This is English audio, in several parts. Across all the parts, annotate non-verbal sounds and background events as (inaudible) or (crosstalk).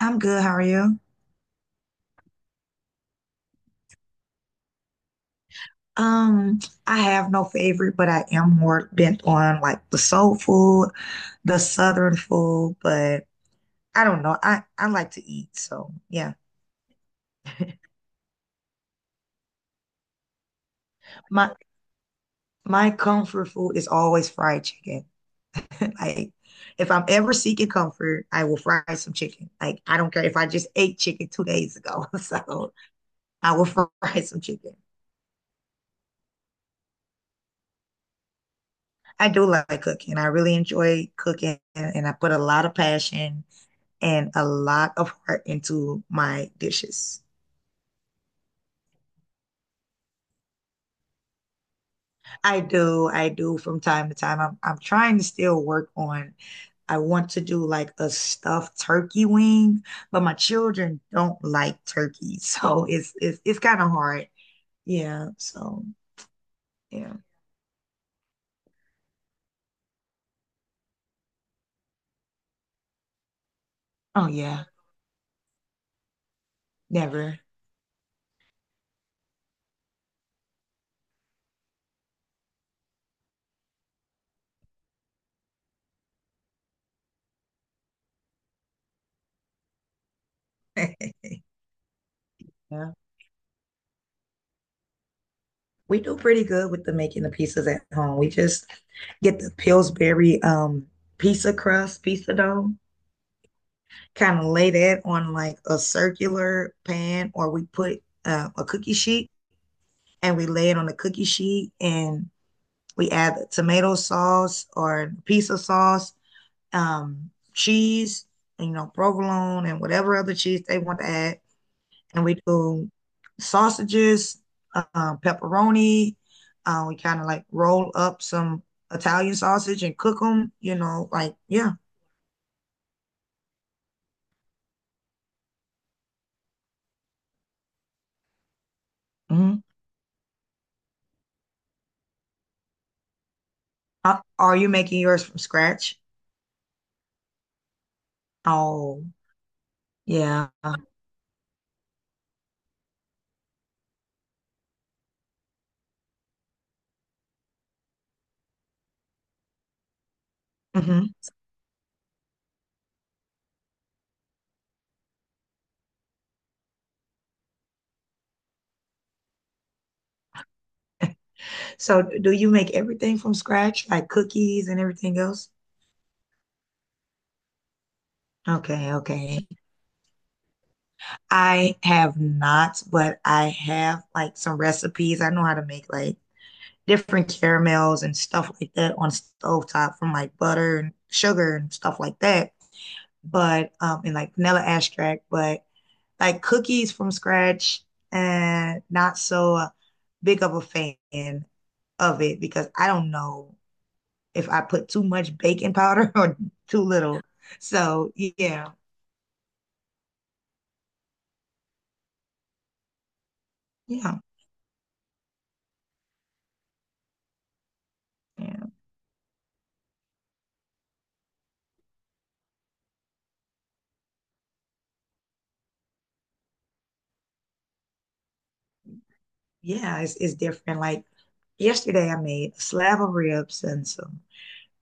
I'm good. How are you? Um, I have no favorite, but I am more bent on like the soul food, the southern food, but I don't know. I like to eat, so yeah. My my comfort food is always fried chicken. (laughs) Like if I'm ever seeking comfort, I will fry some chicken. Like I don't care if I just ate chicken two days ago. (laughs) So I will fry some chicken. I do like cooking. I really enjoy cooking and I put a lot of passion and a lot of heart into my dishes. I do from time to time. I'm trying to still work on. I want to do like a stuffed turkey wing, but my children don't like turkey, (laughs) so it's kind of hard. Yeah, so yeah. Oh yeah, never. (laughs) Yeah. We do pretty good with the making the pizzas at home. We just get the Pillsbury pizza crust, pizza dough, kind of lay that on like a circular pan or we put a cookie sheet and we lay it on the cookie sheet and we add tomato sauce or piece of sauce, cheese, you know, provolone and whatever other cheese they want to add. And we do sausages, pepperoni. We kind of like roll up some Italian sausage and cook them, you know, like, yeah. Mm-hmm. Are you making yours from scratch? Oh, yeah. Hmm. So do you make everything from scratch, like cookies and everything else? Okay, okay. I have not, but I have like some recipes. I know how to make like different caramels and stuff like that on stovetop from like butter and sugar and stuff like that. But and like vanilla extract, but like cookies from scratch and not so big of a fan of it because I don't know. If I put too much baking powder (laughs) or too little. So yeah, yeah, yeah, yeah. It's different. Like yesterday, I made a slab of ribs and some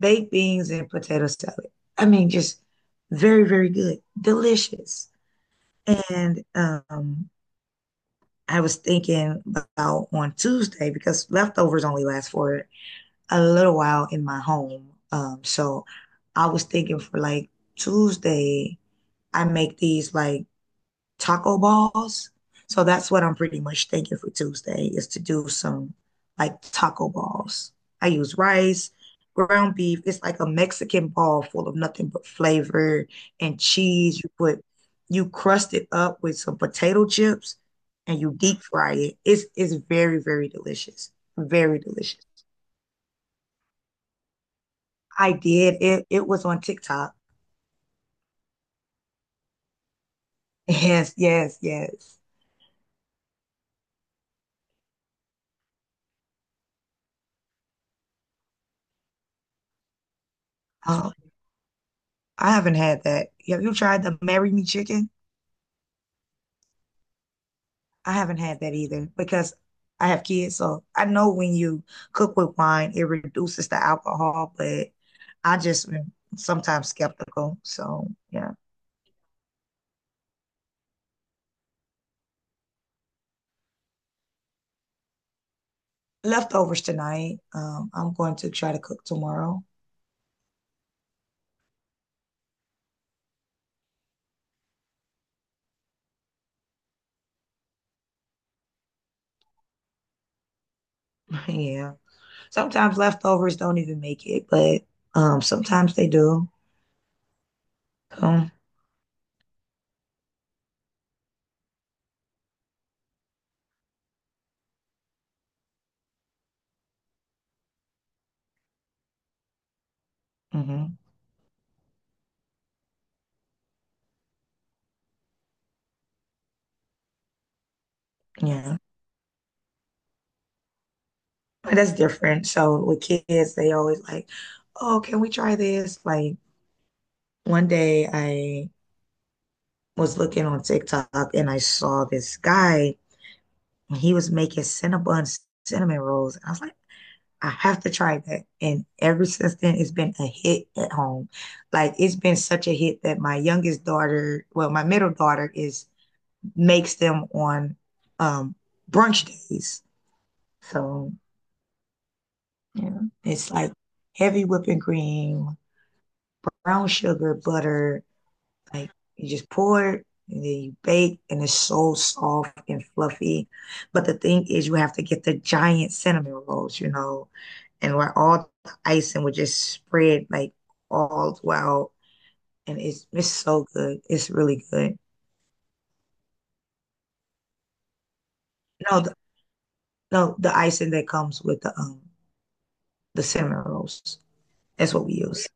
baked beans and potato salad. I mean, just very, very good, delicious. And I was thinking about on Tuesday because leftovers only last for a little while in my home. So I was thinking for like Tuesday, I make these like taco balls. So that's what I'm pretty much thinking for Tuesday is to do some like taco balls. I use rice, ground beef. It's like a Mexican ball full of nothing but flavor and cheese. You put you crust it up with some potato chips and you deep fry it. It's very, very delicious. Very delicious. I did it. It was on TikTok. (laughs) Yes, yes, yes. Oh, I haven't had that. Have you tried the Marry Me Chicken? I haven't had that either because I have kids. So I know when you cook with wine, it reduces the alcohol, but I just am sometimes skeptical. So yeah. Leftovers tonight. I'm going to try to cook tomorrow. (laughs) Yeah. Sometimes leftovers don't even make it, but sometimes they do. So, hmm, yeah. But that's different. So with kids, they always like, oh, can we try this? Like one day I was looking on TikTok and I saw this guy and he was making Cinnabon cinnamon rolls. And I was like, I have to try that. And ever since then, it's been a hit at home. Like it's been such a hit that my youngest daughter, well, my middle daughter is makes them on um brunch days. So yeah, it's like heavy whipping cream, brown sugar, butter. Like you just pour it and then you bake and it's so soft and fluffy. But the thing is you have to get the giant cinnamon rolls, you know, and where all the icing would just spread like all throughout. And it's so good. It's really good. No, the, no, the icing that comes with the cinnamon rolls. That's what we use.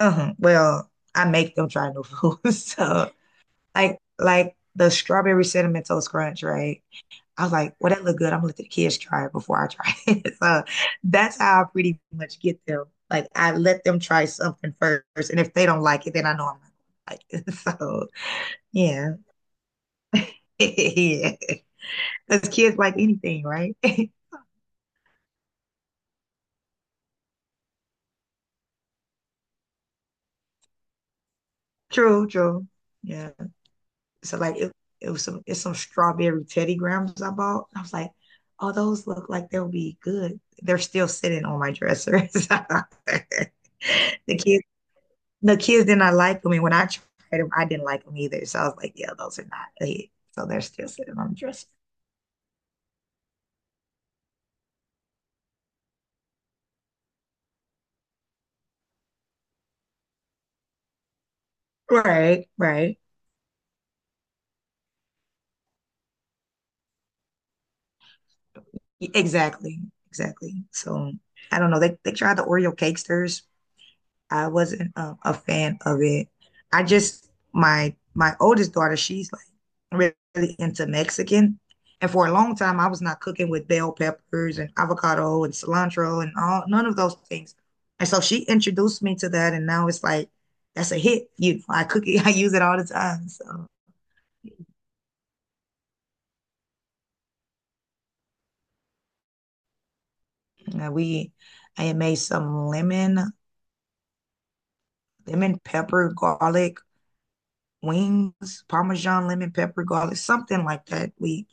Uh-huh. Well, I make them try new foods. (laughs) So like the strawberry cinnamon toast crunch, right? I was like, well, that look good. I'm gonna let the kids try it before I try it. (laughs) So that's how I pretty much get them. Like I let them try something first, and if they don't like it, then I know I'm not like it. So yeah, (laughs) yeah. Because kids like anything, right? (laughs) True, true. Yeah. So it's some strawberry Teddy Grahams I bought. I was like, oh, those look like they'll be good. They're still sitting on my dresser. (laughs) the kids the kids did not like them, and when I tried them, I didn't like them either. So I was like, yeah, those are not a hit. So they're still sitting on the dresser. Right, right. Exactly, exactly. So I don't know. They tried the Oreo cakesters. I wasn't a fan of it. I just my my oldest daughter, she's like really into Mexican, and for a long time, I was not cooking with bell peppers and avocado and cilantro and all none of those things. And so she introduced me to that, and now it's like that's a hit. You know, I cook it, (laughs) I use it all the time. So uh, we, I had made some lemon pepper garlic wings, Parmesan lemon pepper garlic, something like that. We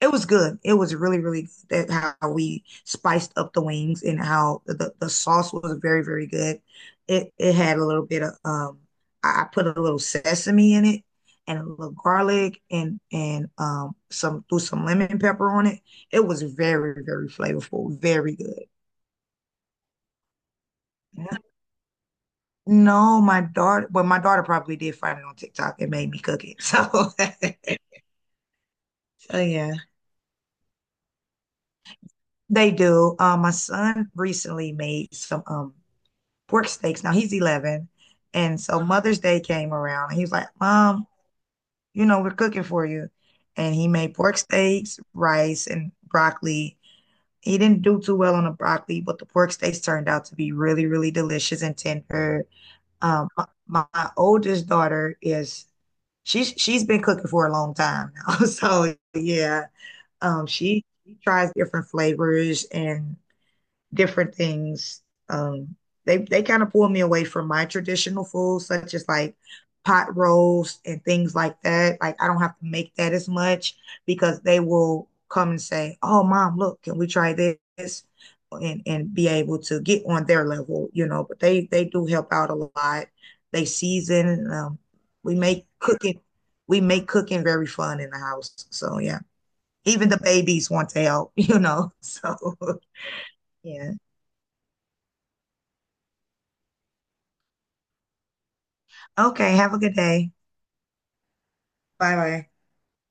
it was good. It was really, really good that how we spiced up the wings and how the sauce was very, very good. It had a little bit of I put a little sesame in it and a little garlic and some threw some lemon pepper on it. It was very, very flavorful, very good. Yeah. No, my daughter, well, my daughter probably did find it on TikTok and made me cook it. So, (laughs) so yeah, they do. My son recently made some pork steaks. Now he's 11. And so Mother's Day came around and he was like, Mom, you know, we're cooking for you. And he made pork steaks, rice, and broccoli. He didn't do too well on the broccoli, but the pork steaks turned out to be really, really delicious and tender. Um, my oldest daughter is she's been cooking for a long time now. (laughs) So yeah, she tries different flavors and different things. Um, they kind of pull me away from my traditional foods, such as like pot roast and things like that. Like I don't have to make that as much because they will come and say, "Oh, mom, look, can we try this?" And be able to get on their level, you know. But they do help out a lot. They season. We make cooking. We make cooking very fun in the house. So yeah, even the babies want to help, (laughs) you know. So (laughs) yeah. Okay, have a good day. Bye bye.